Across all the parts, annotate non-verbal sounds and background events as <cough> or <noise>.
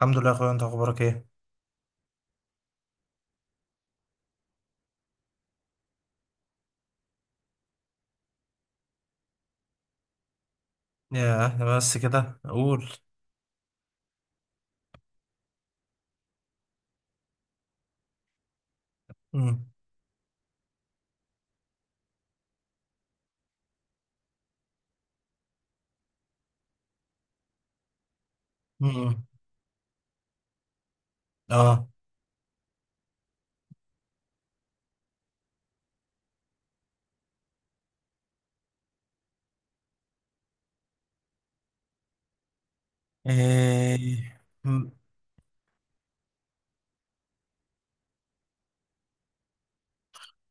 الحمد لله يا اخويا، انت اخبارك ايه؟ يا احنا بس كده اقول. امم. امم. اه. ايه. مم.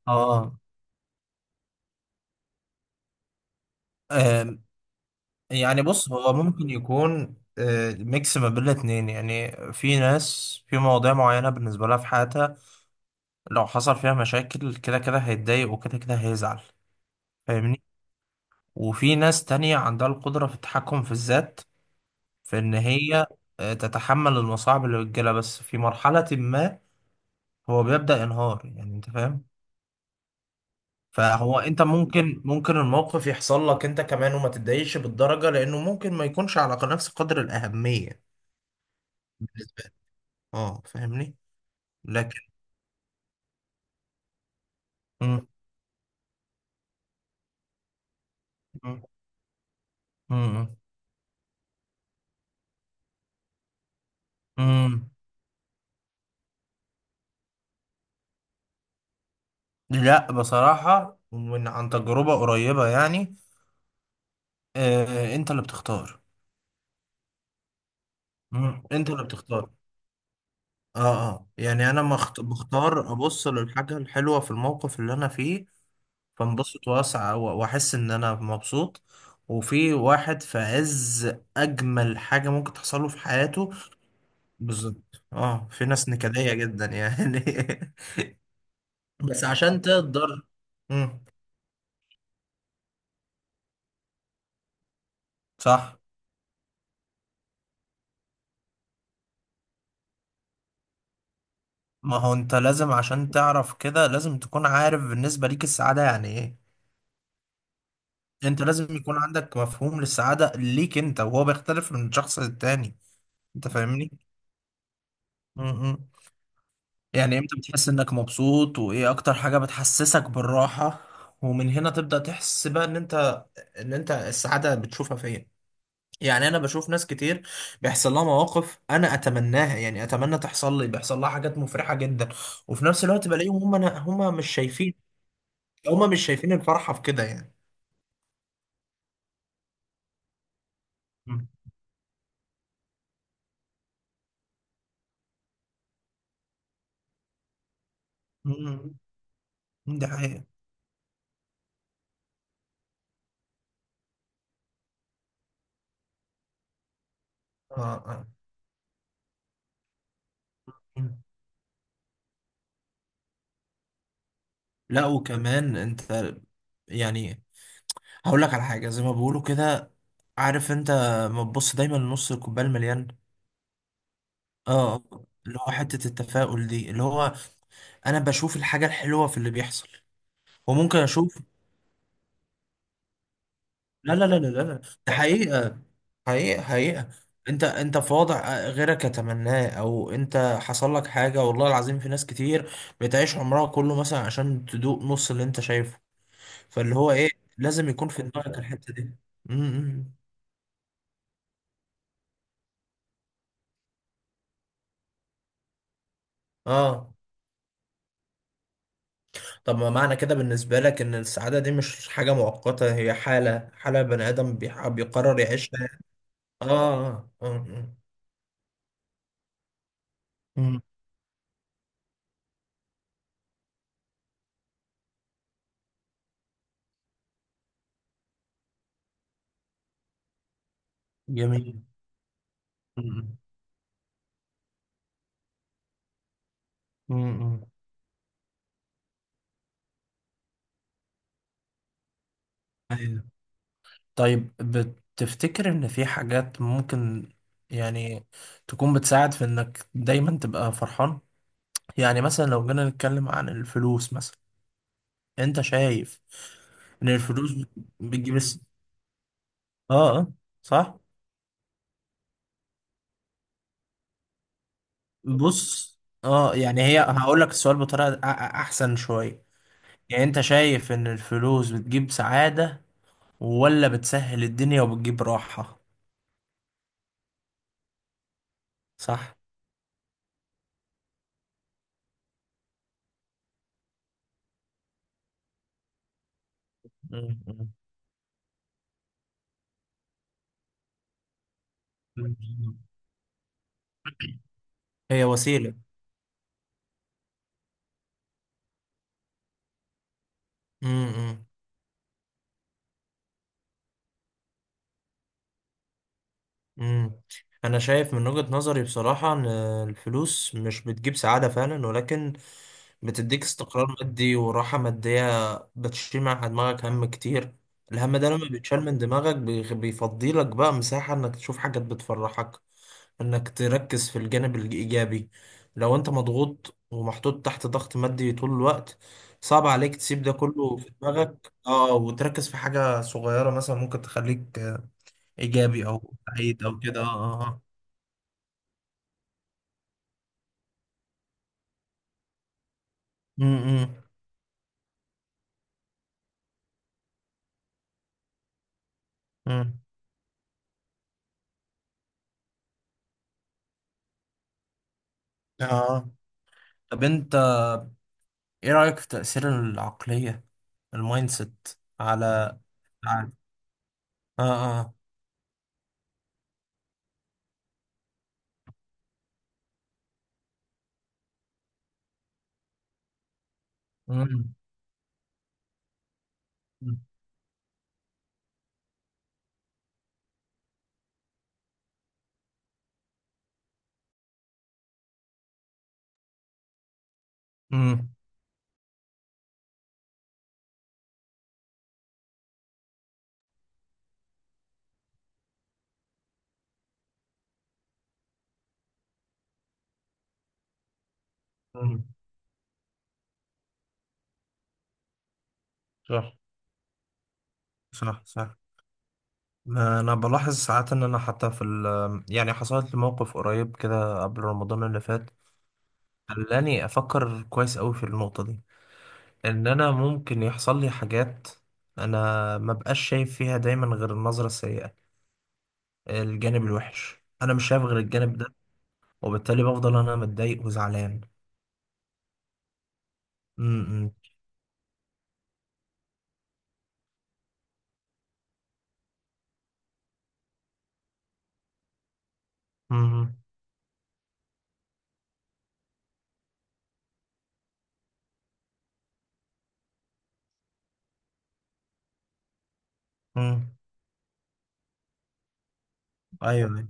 اه. آم، يعني بص هو ممكن يكون ميكس ما بين الاتنين، يعني في ناس في مواضيع معينة بالنسبة لها في حياتها لو حصل فيها مشاكل كده كده هيتضايق وكده كده هيزعل. فاهمني؟ وفي ناس تانية عندها القدرة في التحكم في الذات، في ان هي تتحمل المصاعب اللي بتجيلها، بس في مرحلة ما هو بيبدأ ينهار، يعني انت فاهم؟ فهو انت ممكن الموقف يحصل لك انت كمان وما تتضايقش بالدرجة، لانه ممكن ما يكونش على نفس قدر الأهمية بالنسبة لك. اه. فاهمني؟ لكن. مم. مم. مم. مم. لا، بصراحة، ومن عن تجربة قريبة يعني. آه، انت اللي بتختار. مم. انت اللي بتختار. اه، اه، يعني انا بختار ابص للحاجة الحلوة في الموقف اللي انا فيه، فانبسط واسع واحس ان انا مبسوط. وفي واحد في عز اجمل حاجه ممكن تحصله في حياته. بالظبط. اه، في ناس نكديه جدا يعني. <laughs> بس عشان تقدر. امم. صح. ما هو انت لازم، عشان تعرف كده لازم تكون عارف بالنسبه ليك السعاده يعني ايه. انت لازم يكون عندك مفهوم للسعاده ليك انت، وهو بيختلف من شخص للتاني. انت فاهمني؟ مم. يعني امتى بتحس انك مبسوط، وايه اكتر حاجة بتحسسك بالراحة، ومن هنا تبدأ تحس بقى ان انت السعادة بتشوفها فين. يعني انا بشوف ناس كتير بيحصل لها مواقف انا اتمناها، يعني اتمنى تحصل لي، بيحصل لها حاجات مفرحة جدا. وفي نفس الوقت بلاقيهم هم أنا هم مش شايفين. هم مش شايفين الفرحة في كده يعني. مم. مم. دي حقيقة. آه. آه. مم. لا، وكمان انت، يعني هقول لك على حاجه زي ما بيقولوا كده، عارف انت؟ ما تبص دايما لنص الكوبايه المليان. اه، اللي هو حته التفاؤل دي، اللي هو انا بشوف الحاجه الحلوه في اللي بيحصل. وممكن اشوف. لا، لا، لا، لا، لا، لا. ده حقيقه حقيقه حقيقه. انت في وضع غيرك يتمناه، او انت حصل لك حاجه، والله العظيم في ناس كتير بتعيش عمرها كله مثلا عشان تدوق نص اللي انت شايفه. فاللي هو ايه، لازم يكون في دماغك الحته دي. امم. اه. طب ما معنى كده بالنسبة لك إن السعادة دي مش حاجة مؤقتة، هي حالة، حالة بني آدم بيقرر يعيشها. آه. آه. آه. مم. جميل. مم. مم. أيوة. طيب بتفتكر إن في حاجات ممكن، يعني، تكون بتساعد في إنك دايما تبقى فرحان؟ يعني مثلا لو جينا نتكلم عن الفلوس مثلا، أنت شايف إن الفلوس بتجيب آه، آه، صح؟ بص. اه، يعني هي هقول لك السؤال بطريقة احسن شوية. يعني انت شايف ان الفلوس بتجيب سعادة، ولا بتسهل الدنيا وبتجيب راحة؟ صح. مم، مم. مم. هي وسيلة. امم. امم. انا شايف من وجهة نظري بصراحة ان الفلوس مش بتجيب سعادة فعلا، ولكن بتديك استقرار مادي وراحة مادية، بتشيل مع دماغك هم كتير. الهم ده لما بيتشال من دماغك بيفضيلك بقى مساحة انك تشوف حاجات بتفرحك، انك تركز في الجانب الايجابي. لو انت مضغوط ومحطوط تحت ضغط مادي طول الوقت، صعب عليك تسيب ده كله في دماغك وتركز في حاجة صغيرة مثلا ممكن تخليك ايجابي او سعيد او كده. اه. اه. امم. امم. اه. طب انت ايه رأيك في تأثير العقلية، المايند سيت، على على- اه. اه. امم. امم. امم. صح. صح. صح. ما انا بلاحظ ساعات ان انا، حتى في يعني، حصلت لي موقف قريب كده قبل رمضان اللي فات، خلاني افكر كويس قوي في النقطة دي، ان انا ممكن يحصل لي حاجات انا ما بقاش شايف فيها دايما غير النظرة السيئة. الجانب الوحش انا مش شايف غير الجانب ده، وبالتالي بفضل انا متضايق وزعلان. امم. امم. امم. ايوه. أيوة.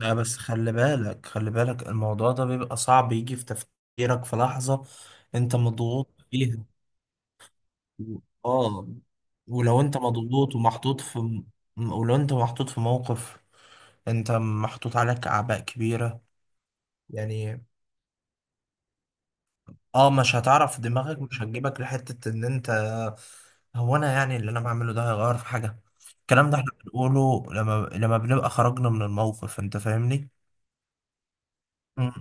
لا، بس خلي بالك خلي بالك، الموضوع ده بيبقى صعب يجي في تفكيرك في لحظة انت مضغوط فيها. اه. ولو انت مضغوط ومحطوط في ولو انت محطوط في موقف، انت محطوط عليك اعباء كبيرة. يعني اه مش هتعرف، دماغك مش هتجيبك لحتة ان انت، هو انا يعني اللي انا بعمله ده هيغير في حاجة؟ الكلام ده احنا بنقوله لما بنبقى خرجنا من الموقف، انت فاهمني؟ مم.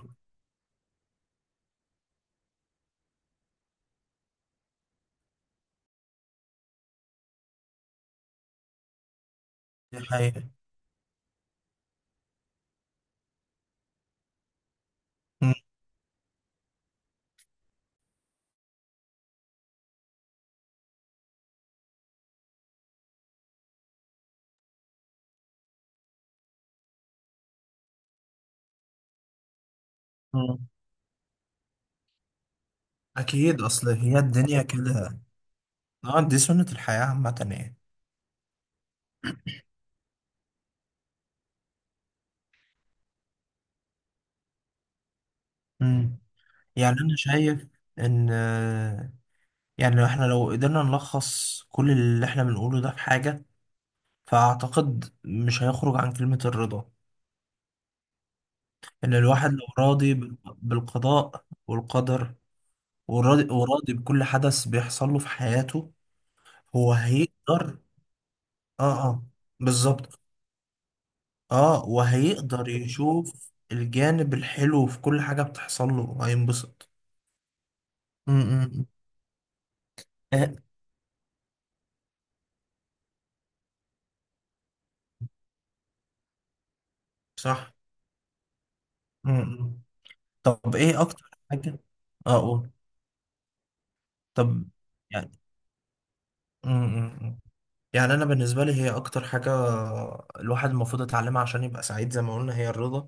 دي حقيقة. مم. مم. اكيد، اصل هي الدنيا كده. اه، دي سنة الحياة عامة يعني. مم. يعني انا شايف ان، يعني، احنا لو قدرنا نلخص كل اللي احنا بنقوله ده في حاجة، فأعتقد مش هيخرج عن كلمة الرضا. إن الواحد لو راضي بالقضاء والقدر، وراضي بكل حدث بيحصل له في حياته، هو هيقدر. اه، اه، بالظبط. اه وهيقدر يشوف الجانب الحلو في كل حاجة بتحصل له هينبسط. امم. آه. صح. امم. طب ايه أكتر حاجة؟ اه، قول. طب يعني، امم، يعني انا بالنسبه لي هي اكتر حاجه الواحد المفروض يتعلمها عشان يبقى سعيد زي ما قلنا هي الرضا.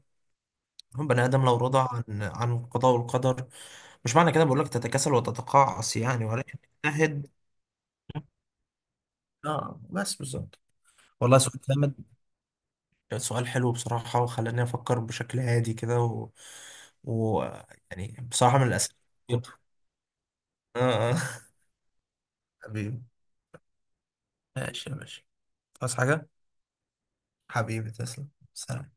هم بني ادم لو رضى عن القضاء والقدر، مش معنى كده بقول لك تتكاسل وتتقاعس يعني، ولكن تجتهد. اه، بس بالظبط. والله سؤال جامد. سؤال حلو بصراحه، وخلاني افكر بشكل هادي كده و... و يعني بصراحه من الاسئله. اه. آه. <laughs> حبيبي. ماشي يا باشا. عايز حاجه؟ حبيبي تسلم، سلام.